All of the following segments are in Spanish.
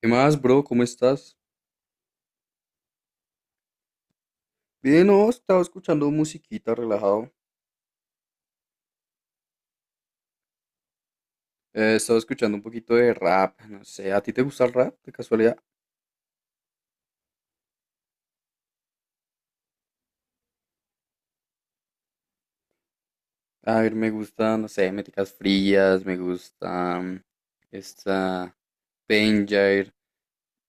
¿Qué más, bro? ¿Cómo estás? Bien, no, estaba escuchando musiquita, relajado. Estaba escuchando un poquito de rap, no sé, ¿a ti te gusta el rap de casualidad? A ver, me gusta, no sé, Métricas Frías, me gusta esta Danger.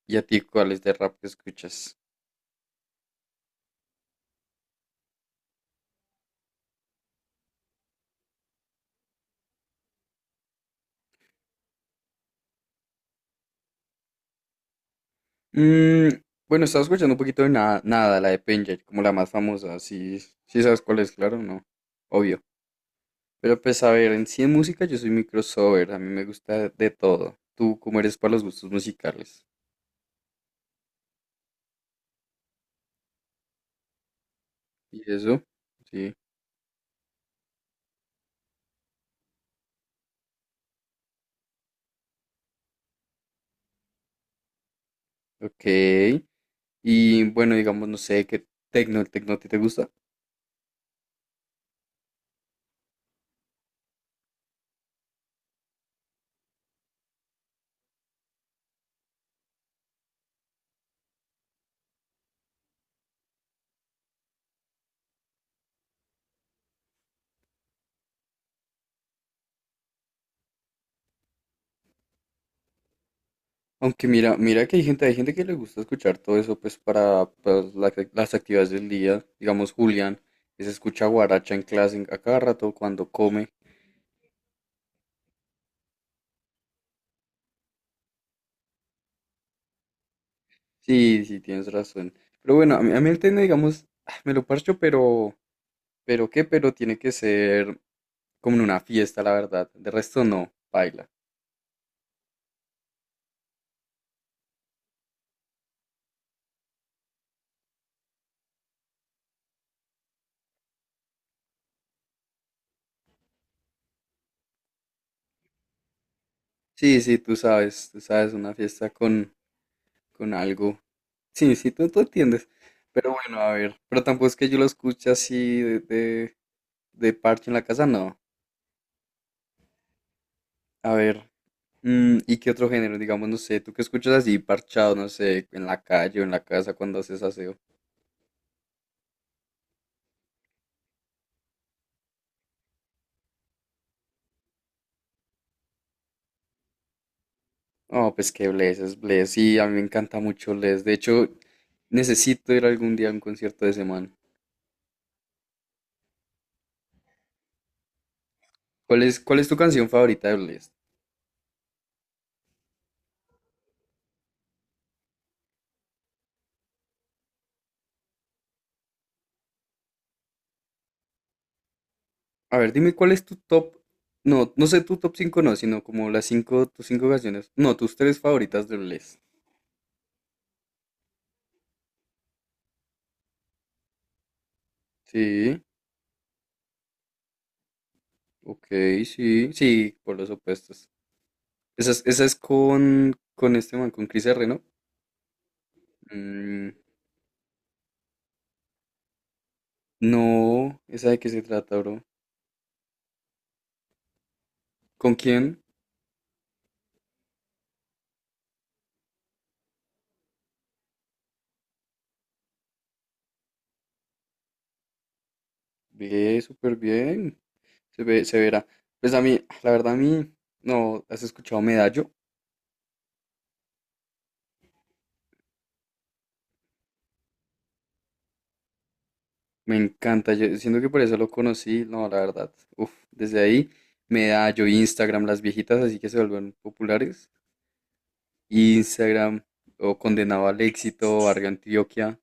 ¿Y a ti cuáles de rap que escuchas? Mm, bueno, estaba escuchando un poquito de nada, la de Danger, como la más famosa, sí, sí sabes cuál es, claro, no, obvio. Pero pues a ver, en sí en música yo soy muy crossover, a mí me gusta de todo. ¿Tú cómo eres para los gustos musicales? ¿Y eso? Sí, ok. Y bueno, digamos, no sé, qué tecno, el tecno a ti te gusta. Aunque mira que hay gente que le gusta escuchar todo eso, pues para, pues, las actividades del día. Digamos, Julián, que se escucha guaracha en clase a cada rato cuando come. Sí, sí, tienes razón. Pero bueno, a mí el tecno, digamos, ah, me lo parcho, pero, pero tiene que ser como en una fiesta, la verdad. De resto no, baila. Sí, sí, tú sabes, una fiesta con algo. Sí, sí, tú entiendes. Pero bueno, a ver. Pero tampoco es que yo lo escuche así de parche en la casa, no. A ver. ¿Y qué otro género? Digamos, no sé, tú qué escuchas así parchado, no sé, en la calle o en la casa cuando haces aseo. Oh, pues que Bless es Bless. Sí, a mí me encanta mucho Bless. De hecho, necesito ir algún día a un concierto de ese man. ¿Cuál es tu canción favorita de Bless? A ver, dime cuál es tu top. No, no sé tu top 5 no, sino como las 5 tus 5 canciones. No, tus 3 favoritas de Bless. Sí. Ok, sí, sí, por los opuestos. Esa es con este man, con Chris R, ¿no? Mm, no, ¿esa de qué se trata, bro? ¿Con quién? Ve, súper bien. Se verá. Pues a mí, la verdad, a mí, no, ¿has escuchado Medallo? Me encanta, yo siento que por eso lo conocí, no, la verdad. Uf, desde ahí, Medallo, Instagram, las viejitas, así que se vuelven populares. Instagram, o Condenado al Éxito, Barrio Antioquia.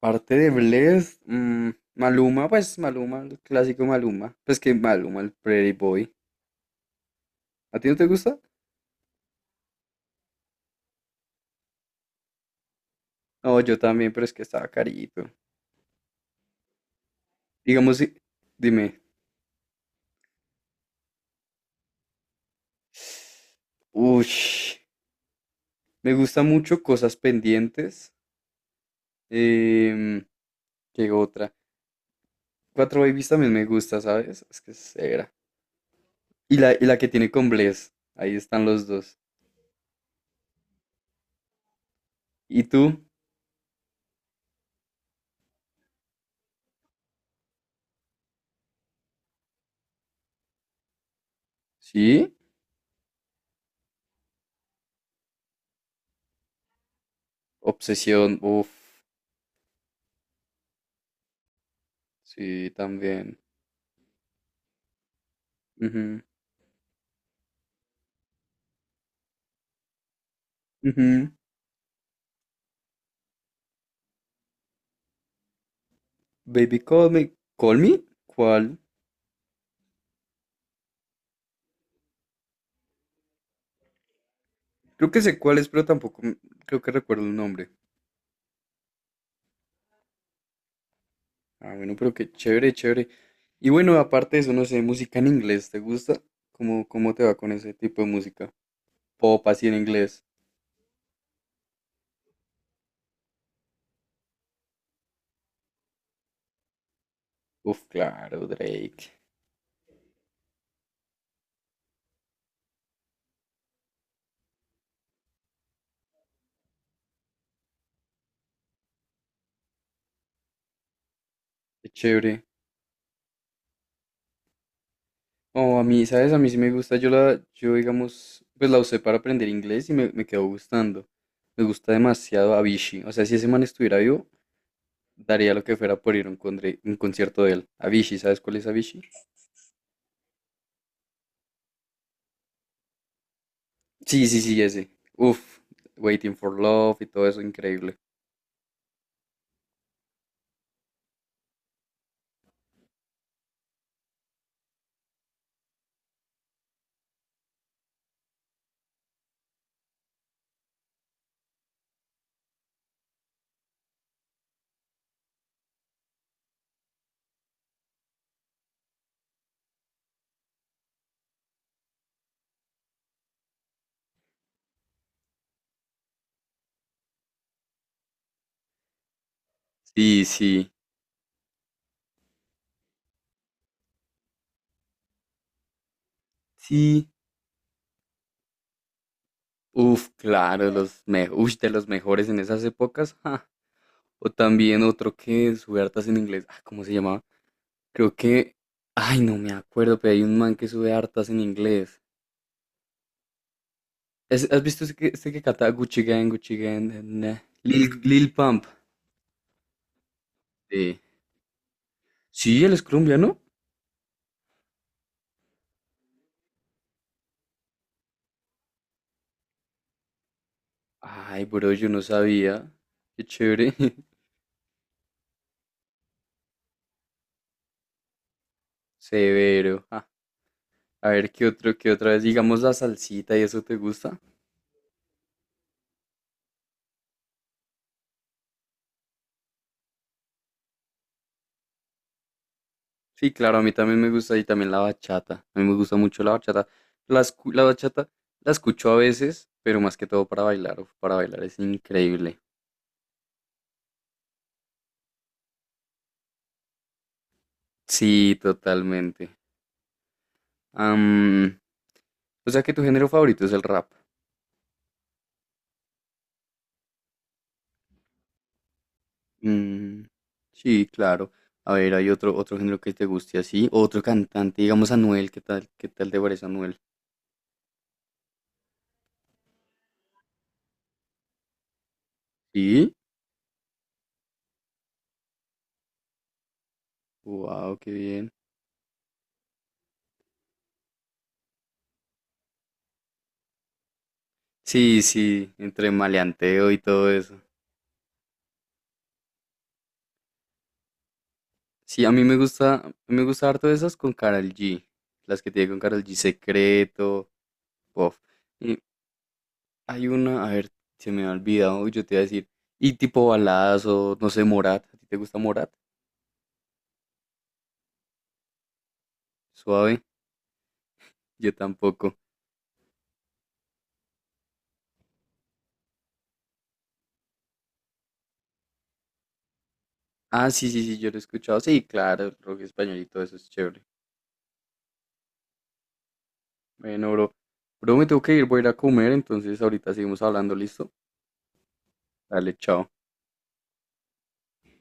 Parte de Blessd, Maluma, pues Maluma, el clásico Maluma. Pues que Maluma, el Pretty Boy. ¿A ti no te gusta? No, yo también, pero es que estaba carito. Digamos, si- dime. Uy, me gusta mucho Cosas Pendientes. em, ¿Qué otra? Cuatro Babies también me gusta, ¿sabes? Es que es severa. Y la que tiene con Bless. Ahí están los dos. ¿Y tú? ¿Sí? Obsesión. Uf. Sí, también. Ujú, ujú. Baby Call Me. ¿Call Me? ¿Cuál? Creo que sé cuál es, pero tampoco m- creo que recuerdo el nombre. Ah, bueno, pero qué chévere, chévere. Y bueno, aparte de eso, no sé, música en inglés, ¿te gusta? ¿Cómo te va con ese tipo de música? Pop así en inglés. Uf, claro, Drake. Qué chévere. Oh, a mí, ¿sabes? A mí sí me gusta. Yo digamos, pues la usé para aprender inglés y me quedó gustando. Me gusta demasiado Avicii. O sea, si ese man estuviera vivo, daría lo que fuera por ir a un, un concierto de él. Avicii, ¿sabes cuál es Avicii? Sí, sí, sí, ese. Uf, Waiting for Love y todo eso, increíble. Sí, sí, sí. Uf, claro, los me ush, de los mejores en esas épocas. Ja. O también otro que sube hartas en inglés. Ah, ¿cómo se llamaba? Creo que. Ay, no me acuerdo, pero hay un man que sube hartas en inglés. ¿Has visto ese que canta Gucci Gang, Gucci Gang? Lil Pump. Sí. Sí, él es colombiano. Ay, bro, yo no sabía. Qué chévere. Severo. A ver, ¿qué otro, qué otra vez? Digamos la salsita y eso te gusta. Sí, claro, a mí también me gusta y también la bachata. A mí me gusta mucho la bachata. La bachata la escucho a veces, pero más que todo para bailar. Uf, para bailar es increíble. Sí, totalmente. Am, o sea que tu género favorito es el rap. Mm, sí, claro. A ver, hay otro, otro género que te guste así. Otro cantante, digamos Anuel, ¿qué tal? ¿Qué tal te parece Anuel? Sí. Wow, qué bien. Sí, sí, entre maleanteo y todo eso. Sí, a mí me gusta harto esas con Karol G. Las que tiene con Karol G, Secreto, Puff. Y hay una, a ver, se me ha olvidado, yo te iba a decir. Y tipo baladas o, no sé, Morat. ¿A ti te gusta Morat? Suave, yo tampoco. Ah, sí, sí, sí, yo lo he escuchado. Sí, claro, el rock español y todo eso es chévere. Bueno, bro, bro, me tengo que ir, voy a ir a comer, entonces ahorita seguimos hablando, ¿listo? Dale, chao.